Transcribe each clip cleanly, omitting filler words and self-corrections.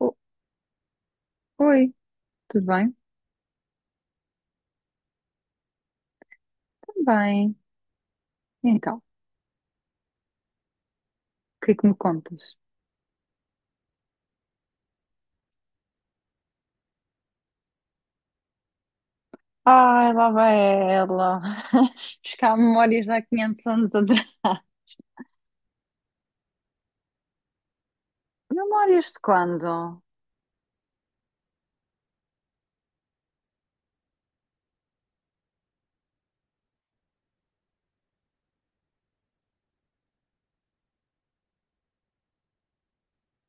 O- Oi, tudo bem? Tudo bem. Então, o que é que me contas? Ai, lá vai ela. Buscar memórias de há 500 anos atrás. Memórias de quando?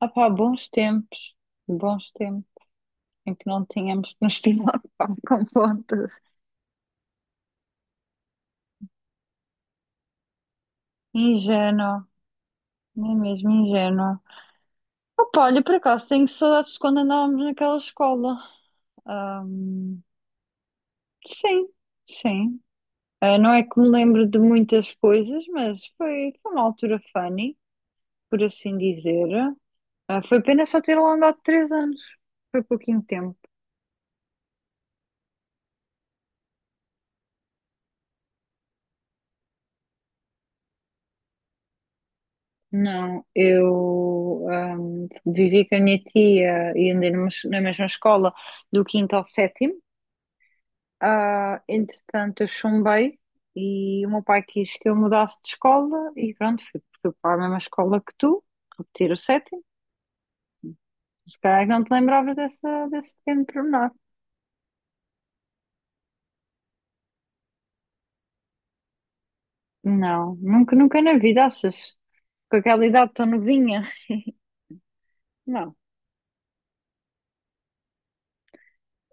Ah pá, bons tempos. Bons tempos em que não tínhamos que nos preocupar com contas. Ingênuo, não é mesmo ingênuo. Opa, olha, por acaso tenho saudades de quando andávamos naquela escola. Ahm, sim, sim. Ah, não é que me lembro de muitas coisas, mas foi uma altura funny, por assim dizer. Ah, foi pena só ter lá andado 3 anos. Foi pouquinho tempo. Não, eu vivi com a minha tia e andei numa na mesma escola do quinto ao sétimo. Ah, entretanto, eu chumbei e o meu pai quis que eu mudasse de escola e pronto, fui para a mesma escola que tu, repetir o sétimo. Se calhar é que não te lembravas desse pequeno pormenor. Não, nunca na vida, achas? Com aquela idade tão novinha. Não,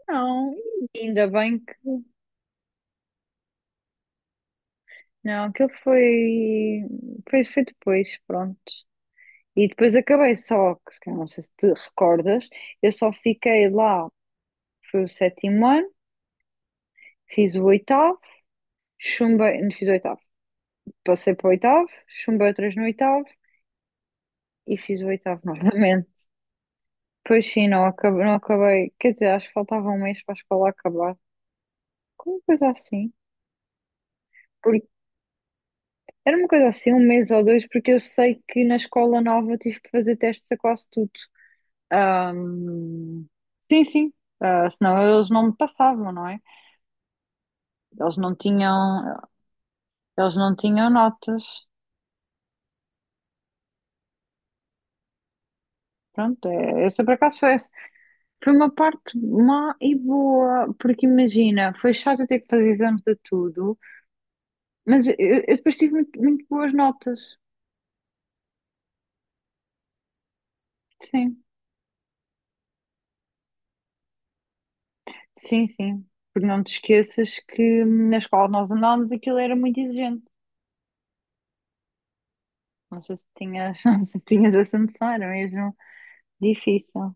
não, ainda bem que. Não, aquilo foi. Foi depois, pronto. E depois acabei só, que se calhar não sei se te recordas, eu só fiquei lá, foi o sétimo ano, fiz o oitavo, chumbei. Não fiz o oitavo, passei para o oitavo, chumbei outras no oitavo e fiz o oitavo novamente. Pois sim, não acabei. Quer dizer, acho que faltava 1 mês para a escola acabar. Como coisa assim? Era uma coisa assim, 1 mês ou 2, porque eu sei que na escola nova eu tive que fazer testes a quase tudo. Ahm, sim. Ah, senão eles não me passavam, não é? Eles não tinham, eles não tinham notas. Pronto, essa por acaso foi, foi uma parte má e boa, porque imagina, foi chato eu ter que fazer exames de tudo, mas eu depois tive muito boas notas. Sim, sim. Porque não te esqueças que na escola nós andávamos, aquilo era muito exigente. Não sei se tinhas, não sei se tinhas essa noção, era mesmo difícil.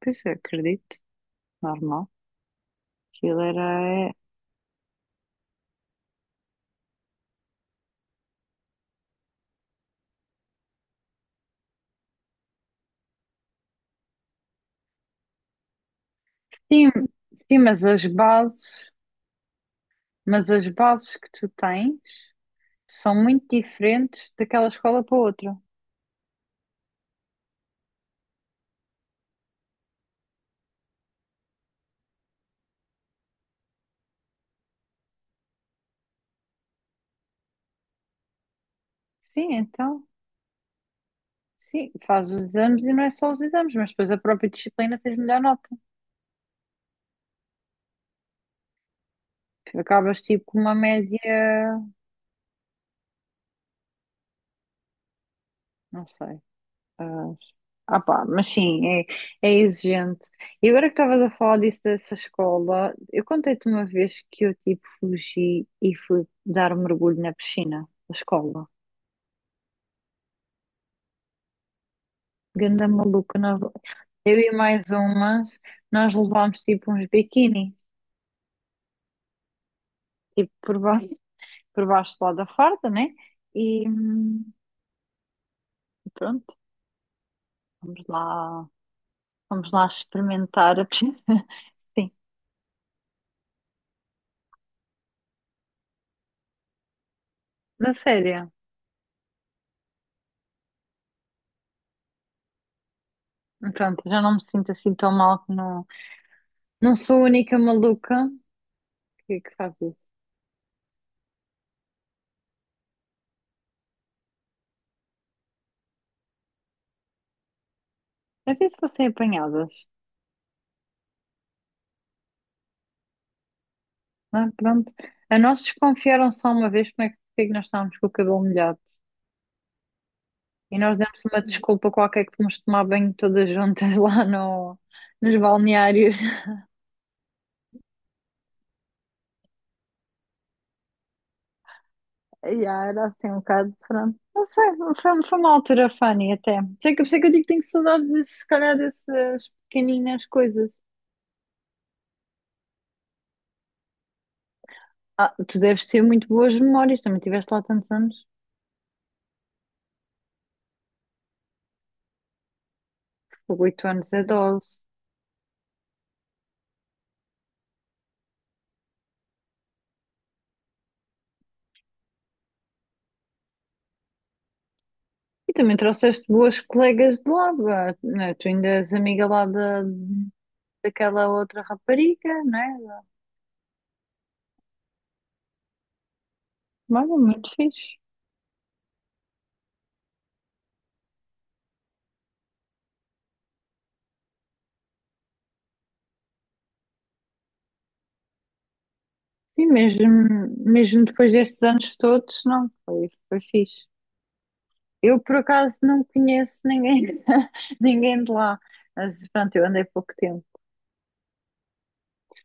Pois eu acredito, normal. Aquilo era. É, Sim, sim, mas as bases que tu tens são muito diferentes daquela escola para outra. Sim, então, sim, fazes os exames e não é só os exames, mas depois a própria disciplina tens melhor nota. Acabas tipo com uma média, não sei. Ah, ah, pá, mas sim, é exigente. E agora que estavas a falar disso dessa escola, eu contei-te uma vez que eu tipo fugi e fui dar um mergulho na piscina da escola. Ganda maluca, eu e mais umas, nós levámos tipo uns biquíni, tipo por baixo lá da farda, né? E pronto, vamos lá, vamos lá experimentar a piscina. Sim, na sério. Pronto, já não me sinto assim tão mal. Não sou a única maluca que faz isso. Às vezes fossem apanhadas, não é? Pronto. A nós desconfiaram só uma vez como é que, porque é que nós estávamos com o cabelo molhado. E nós demos uma desculpa qualquer que fomos tomar banho todas juntas lá no, nos balneários. E ah, era assim um bocado, pronto. Não sei, foi uma altura funny até. Sei que, por isso é que eu digo que tenho saudades, desse, se calhar, dessas pequeninas coisas. Ah, tu deves ter muito boas memórias, também tiveste lá tantos anos. 8 anos é dose. E também trouxeste boas colegas de lá, vá, né? Tu ainda és amiga daquela outra rapariga, né? Mas é muito fixe. Sim, mesmo depois destes anos todos, não, foi fixe. Eu, por acaso, não conheço ninguém, ninguém de lá. Mas, pronto, eu andei pouco tempo.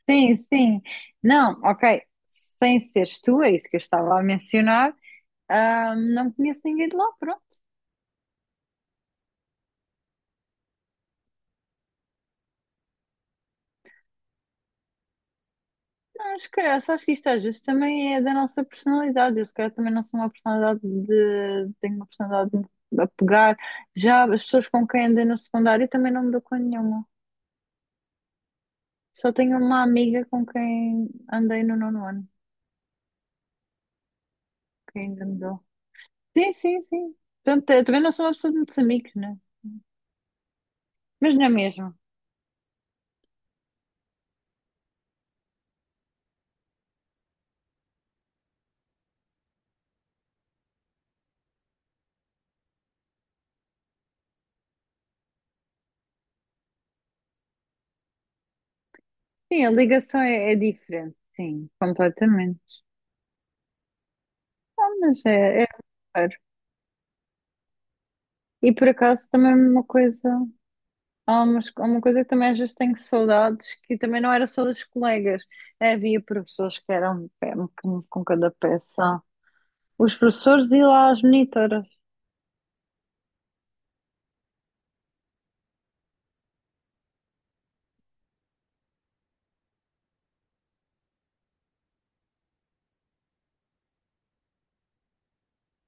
Sim. Não, ok. Sem seres tu, é isso que eu estava a mencionar. Ah, não conheço ninguém de lá, pronto. Acho que isto às vezes também é da nossa personalidade. Eu, se calhar, também não sou uma personalidade de. Tenho uma personalidade de me apegar. Já as pessoas com quem andei no secundário também não me dou com nenhuma. Só tenho uma amiga com quem andei no nono ano, que ainda me dou. Sim. Portanto, eu também não sou uma pessoa de muitos amigos, né? Mas não é mesmo. Sim, a ligação é diferente, sim, completamente. Ah, mas é raro. E por acaso também uma coisa. Há, mas há uma coisa que também às vezes tenho saudades, que também não era só dos colegas. É, havia professores que eram pé com cada peça. Os professores e lá as monitoras.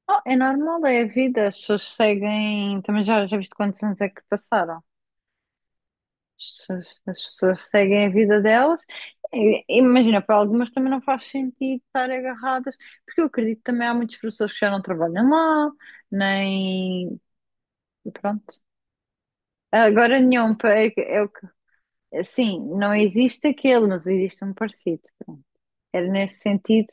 Oh, é normal, é a vida. As pessoas seguem. Também já viste quantos anos é que passaram? As pessoas seguem a vida delas. Imagina, para algumas também não faz sentido estar agarradas, porque eu acredito que também há muitos professores que já não trabalham lá, nem. Pronto. Agora nenhum, é, o que, sim, não existe aquele, mas existe um parecido. Pronto. Era nesse sentido,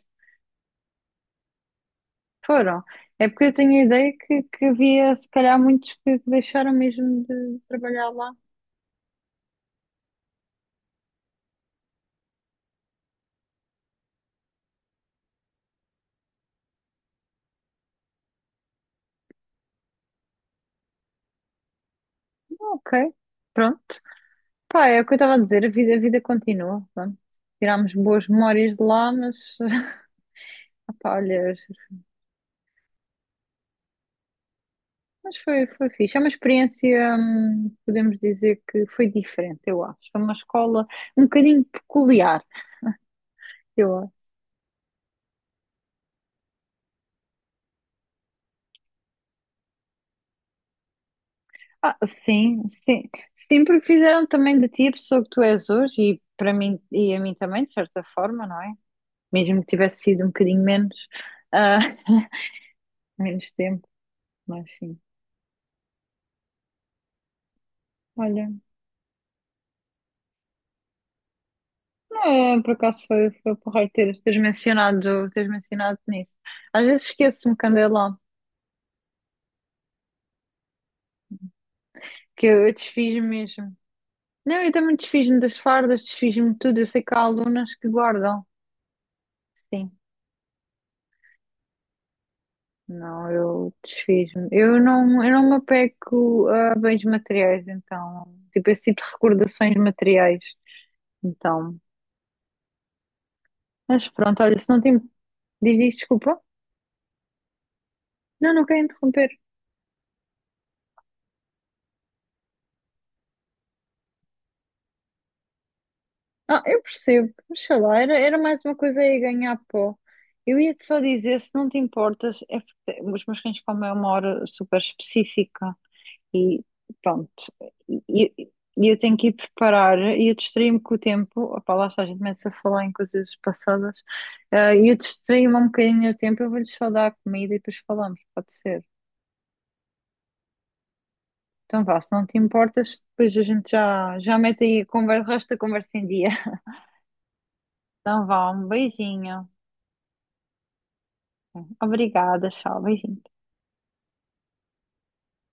foram. É porque eu tenho a ideia que havia, se calhar, muitos que deixaram mesmo de trabalhar lá. Ah, ok, pronto. Pá, é o que eu estava a dizer, a vida continua. Pronto. Tirámos boas memórias de lá, mas, pá, olha, mas foi fixe. É uma experiência, podemos dizer que foi diferente, eu acho. Foi uma escola um bocadinho peculiar, eu. Ah, sim. Sempre fizeram também de ti a pessoa que tu és hoje e para mim e a mim também, de certa forma, não é? Mesmo que tivesse sido um bocadinho menos, ah, menos tempo, mas sim. Olha, não, é, por acaso foi porreiro teres mencionado nisso. Às vezes esqueço-me quando é lá, que eu desfiz-me mesmo. Não, eu também desfiz-me das fardas, desfiz-me de tudo. Eu sei que há alunas que guardam. Sim. Não, eu desfiz-me. Eu não me apego a bens materiais, então. Tipo, eu sinto recordações materiais. Então. Mas pronto, olha, se não tem. Diz, desculpa. Não, não quero interromper. Ah, eu percebo. Mas sei lá, era mais uma coisa aí ganhar pó. Eu ia-te só dizer, se não te importas, é porque os meus cães comem a uma hora super específica. E pronto. E, e- e eu tenho que ir preparar e eu distraí-me com o tempo. Opá, lá está, a gente começa a falar em coisas passadas. Ah, e eu distraí-me um bocadinho o tempo. Eu vou-lhes só dar a comida e depois falamos, pode ser. Então vá, se não te importas, depois a gente já mete aí a conversa, o resto da conversa em dia. Então vá, um beijinho. Obrigada, tchau, beijinho.